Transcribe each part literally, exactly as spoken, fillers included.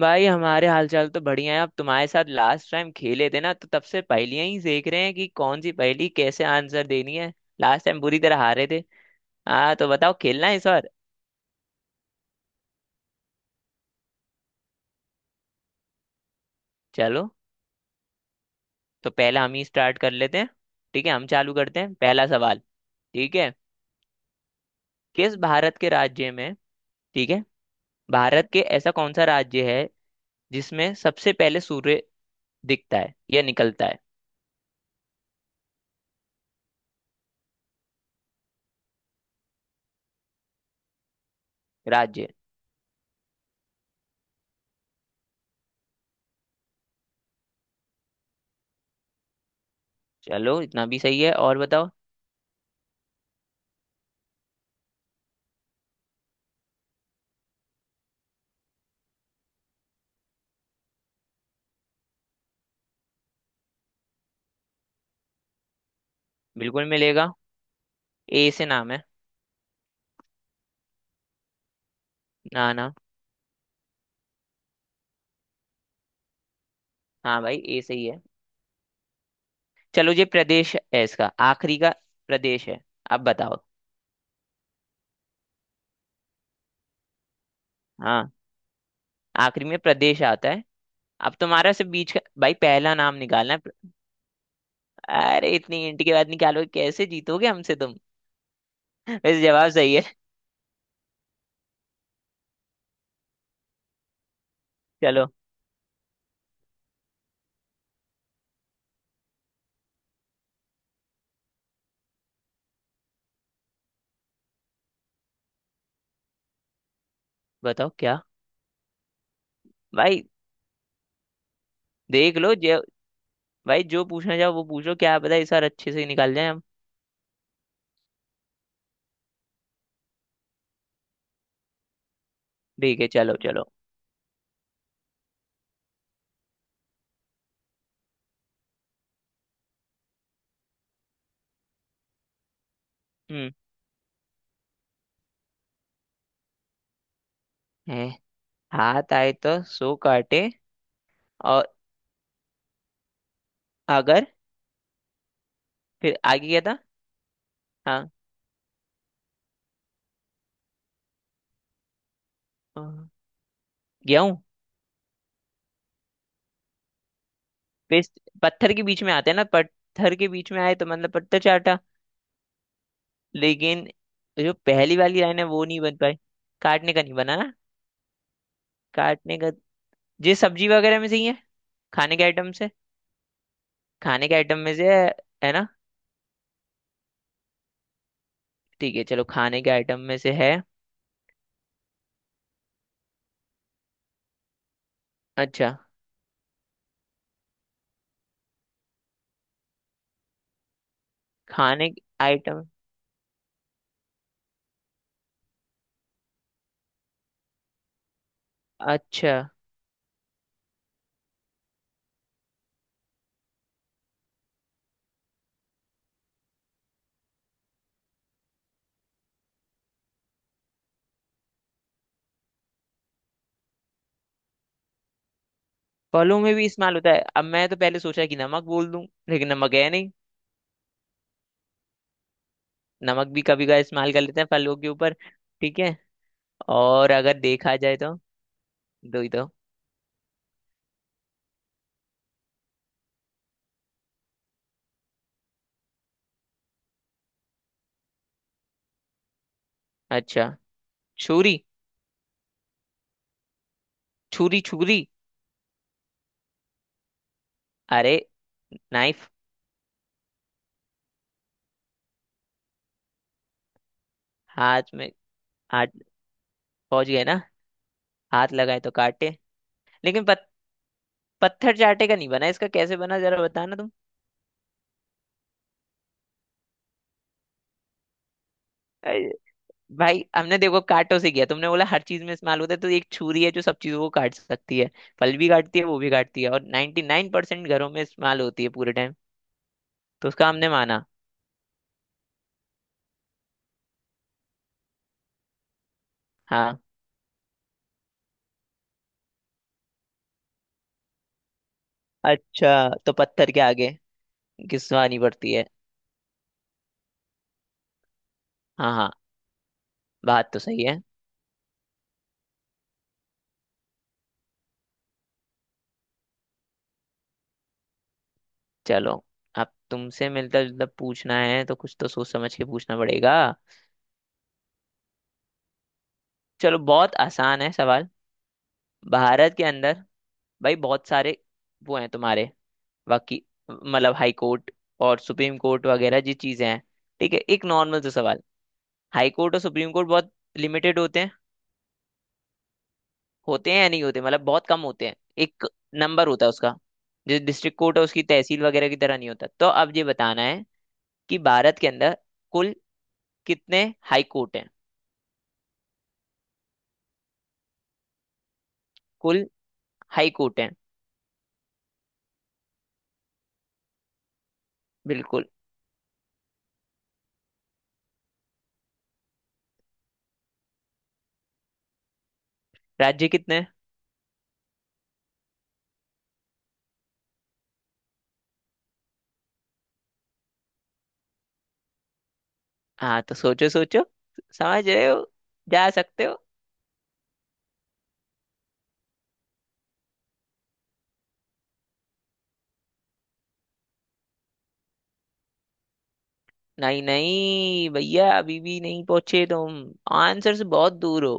भाई हमारे हालचाल तो बढ़िया है। अब तुम्हारे साथ लास्ट टाइम खेले थे ना, तो तब से पहेलियां ही देख रहे हैं कि कौन सी पहेली कैसे आंसर देनी है। लास्ट टाइम बुरी तरह हारे थे। हाँ, तो बताओ, खेलना है इस बार? चलो, तो पहला हम ही स्टार्ट कर लेते हैं। ठीक है, हम चालू करते हैं पहला सवाल। ठीक है, किस भारत के राज्य में। ठीक है, भारत के ऐसा कौन सा राज्य है जिसमें सबसे पहले सूर्य दिखता है या निकलता है? राज्य। चलो, इतना भी सही है, और बताओ। बिल्कुल मिलेगा। ए से नाम है। ना ना। हाँ भाई, ए सही है। चलो, ये प्रदेश है, इसका आखिरी का प्रदेश है। अब बताओ। हाँ। आखिरी में प्रदेश आता है। अब तुम्हारा सिर्फ बीच का भाई पहला नाम निकालना है। अरे, इतनी इंट के बाद निकालो, कैसे जीतोगे हमसे तुम। वैसे जवाब सही है। चलो। बताओ क्या भाई। देख लो जो। भाई जो पूछना चाहो वो पूछो, क्या पता इस बार अच्छे से निकाल जाए हम। ठीक है, चलो चलो। हम्म। है। हाथ आए तो सो काटे। और अगर फिर आगे क्या था। हाँ। गेहूं। पेस्ट पत्थर के बीच में आते हैं ना, पत्थर के बीच में आए तो मतलब पत्थर चाटा। लेकिन जो पहली वाली लाइन है वो नहीं बन पाई। काटने का नहीं बना ना। काटने का। ये सब्जी वगैरह में से ही है। खाने के आइटम से। खाने के आइटम में से है, है ना। ठीक है, चलो खाने के आइटम में से है। अच्छा। खाने के आइटम। अच्छा। फलों में भी इस्तेमाल होता है। अब मैं तो पहले सोचा कि नमक बोल दूं, लेकिन नमक है नहीं। नमक भी कभी का इस्तेमाल कर लेते हैं फलों के ऊपर। ठीक है, और अगर देखा जाए तो दो ही तो। अच्छा। छुरी छुरी छुरी। अरे, नाइफ। हाथ में। हाथ। पहुंच गए ना। हाथ लगाए तो काटे। लेकिन पत, पत्थर चाटे का नहीं बना, इसका कैसे बना जरा बताना तुम। अरे भाई, हमने देखो काटों से किया, तुमने बोला हर चीज में इस्तेमाल होता है, तो एक छुरी है जो सब चीजों को काट सकती है। फल भी काटती है, वो भी काटती है, और नाइन्टी नाइन परसेंट घरों में इस्तेमाल होती है पूरे टाइम। तो उसका हमने माना। हाँ। अच्छा, तो पत्थर के आगे घिसवानी पड़ती है। हाँ हाँ। बात तो सही है। चलो, अब तुमसे मिलता जुलता पूछना है, तो कुछ तो सोच समझ के पूछना पड़ेगा। चलो, बहुत आसान है सवाल। भारत के अंदर भाई बहुत सारे वो हैं तुम्हारे, वकी मतलब हाई कोर्ट और सुप्रीम कोर्ट वगैरह जी चीजें हैं। ठीक है, एक नॉर्मल सा सवाल। हाई कोर्ट और सुप्रीम कोर्ट बहुत लिमिटेड होते हैं। होते हैं या नहीं होते, मतलब बहुत कम होते हैं। एक नंबर होता है उसका, जो डिस्ट्रिक्ट कोर्ट है उसकी तहसील वगैरह की तरह नहीं होता। तो अब ये बताना है कि भारत के अंदर कुल कितने हाई कोर्ट हैं। कुल हाई कोर्ट है। बिल्कुल। राज्य कितने हैं? हाँ, तो सोचो सोचो, समझ रहे हो, जा सकते हो। नहीं नहीं भैया, अभी भी नहीं पहुंचे तुम। आंसर से बहुत दूर हो।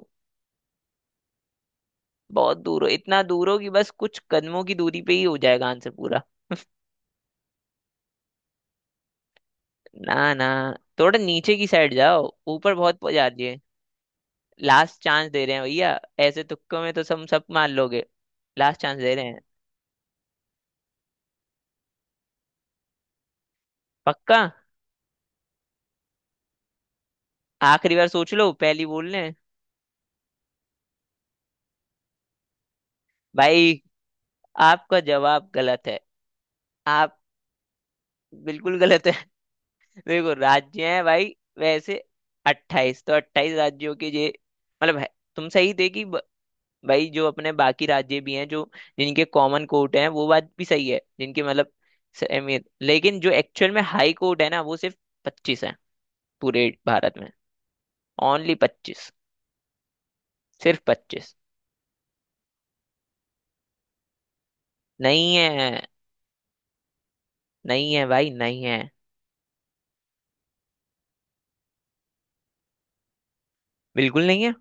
बहुत दूर हो, इतना दूर हो कि बस कुछ कदमों की दूरी पे ही हो जाएगा आंसर पूरा। ना ना, थोड़ा नीचे की साइड जाओ, ऊपर बहुत जा रही है। लास्ट चांस दे रहे हैं भैया, ऐसे तुक्कों में तो सब सब मान लोगे। लास्ट चांस दे रहे हैं। पक्का? आखिरी बार सोच लो, पहली बोल रहे हैं। भाई, आपका जवाब गलत है। आप बिल्कुल गलत है। देखो, राज्य हैं भाई वैसे अट्ठाईस, तो अट्ठाईस राज्यों के ये मतलब है। तुम सही थे कि ब- भाई, जो अपने बाकी राज्य भी हैं, जो जिनके कॉमन कोर्ट हैं वो बात भी सही है। जिनके मतलब स- अहमियत। लेकिन जो एक्चुअल में हाई कोर्ट है ना, वो सिर्फ पच्चीस है पूरे भारत में। ओनली पच्चीस। सिर्फ पच्चीस। नहीं है, नहीं है भाई नहीं है। बिल्कुल नहीं है।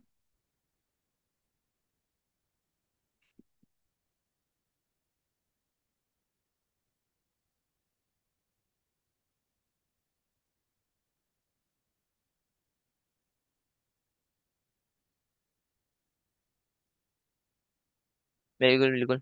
बिल्कुल बिल्कुल।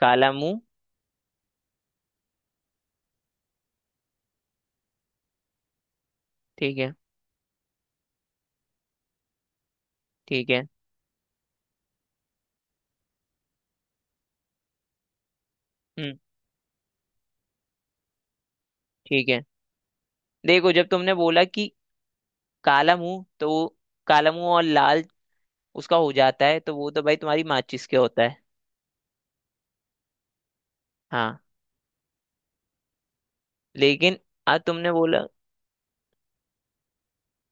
काला मुंह। ठीक है। ठीक है। हम्म। ठीक है, देखो जब तुमने बोला कि काला मुंह, तो वो काला मुंह और लाल उसका हो जाता है, तो वो तो भाई तुम्हारी माचिस के होता है। हाँ। लेकिन अब तुमने बोला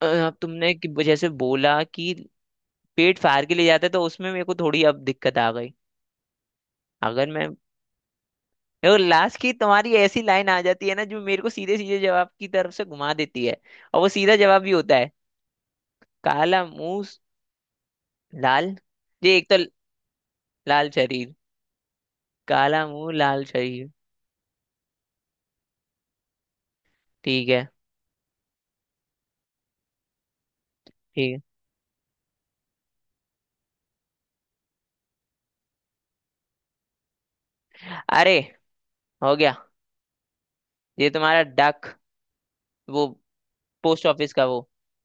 अ, अब तुमने कि जैसे बोला कि पेट फाड़ के ले जाते, तो उसमें मेरे को थोड़ी अब दिक्कत आ गई। अगर मैं, और लास्ट की तुम्हारी ऐसी लाइन आ जाती है ना, जो मेरे को सीधे सीधे जवाब की तरफ से घुमा देती है, और वो सीधा जवाब भी होता है। काला मुंह, लाल। ये एक तो लाल शरीर। काला मुंह लाल शरीर। ठीक है। ठीक है। अरे, हो गया। ये तुम्हारा डक वो पोस्ट ऑफिस का वो।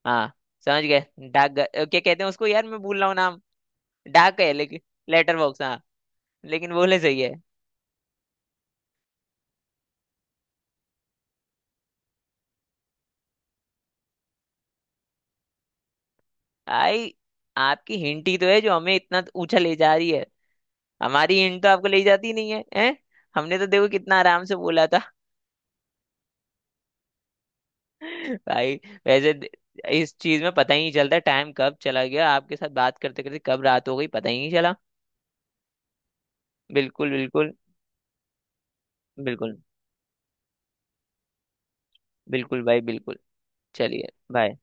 हाँ। समझ गए। डाक क्या कहते हैं उसको, यार मैं भूल रहा हूँ नाम। डाक है लेकिन। Letter box. हाँ, लेकिन बोले सही है। आई, आपकी हिंट ही तो है जो हमें इतना ऊंचा ले जा रही है। हमारी हिंट तो आपको ले जाती नहीं है, हैं? हमने तो देखो कितना आराम से बोला था। भाई, वैसे द- इस चीज में पता ही नहीं चलता, टाइम कब चला गया, आपके साथ बात करते करते कब रात हो गई पता ही नहीं चला। बिल्कुल बिल्कुल। बिल्कुल। बिल्कुल भाई बिल्कुल। चलिए, बाय।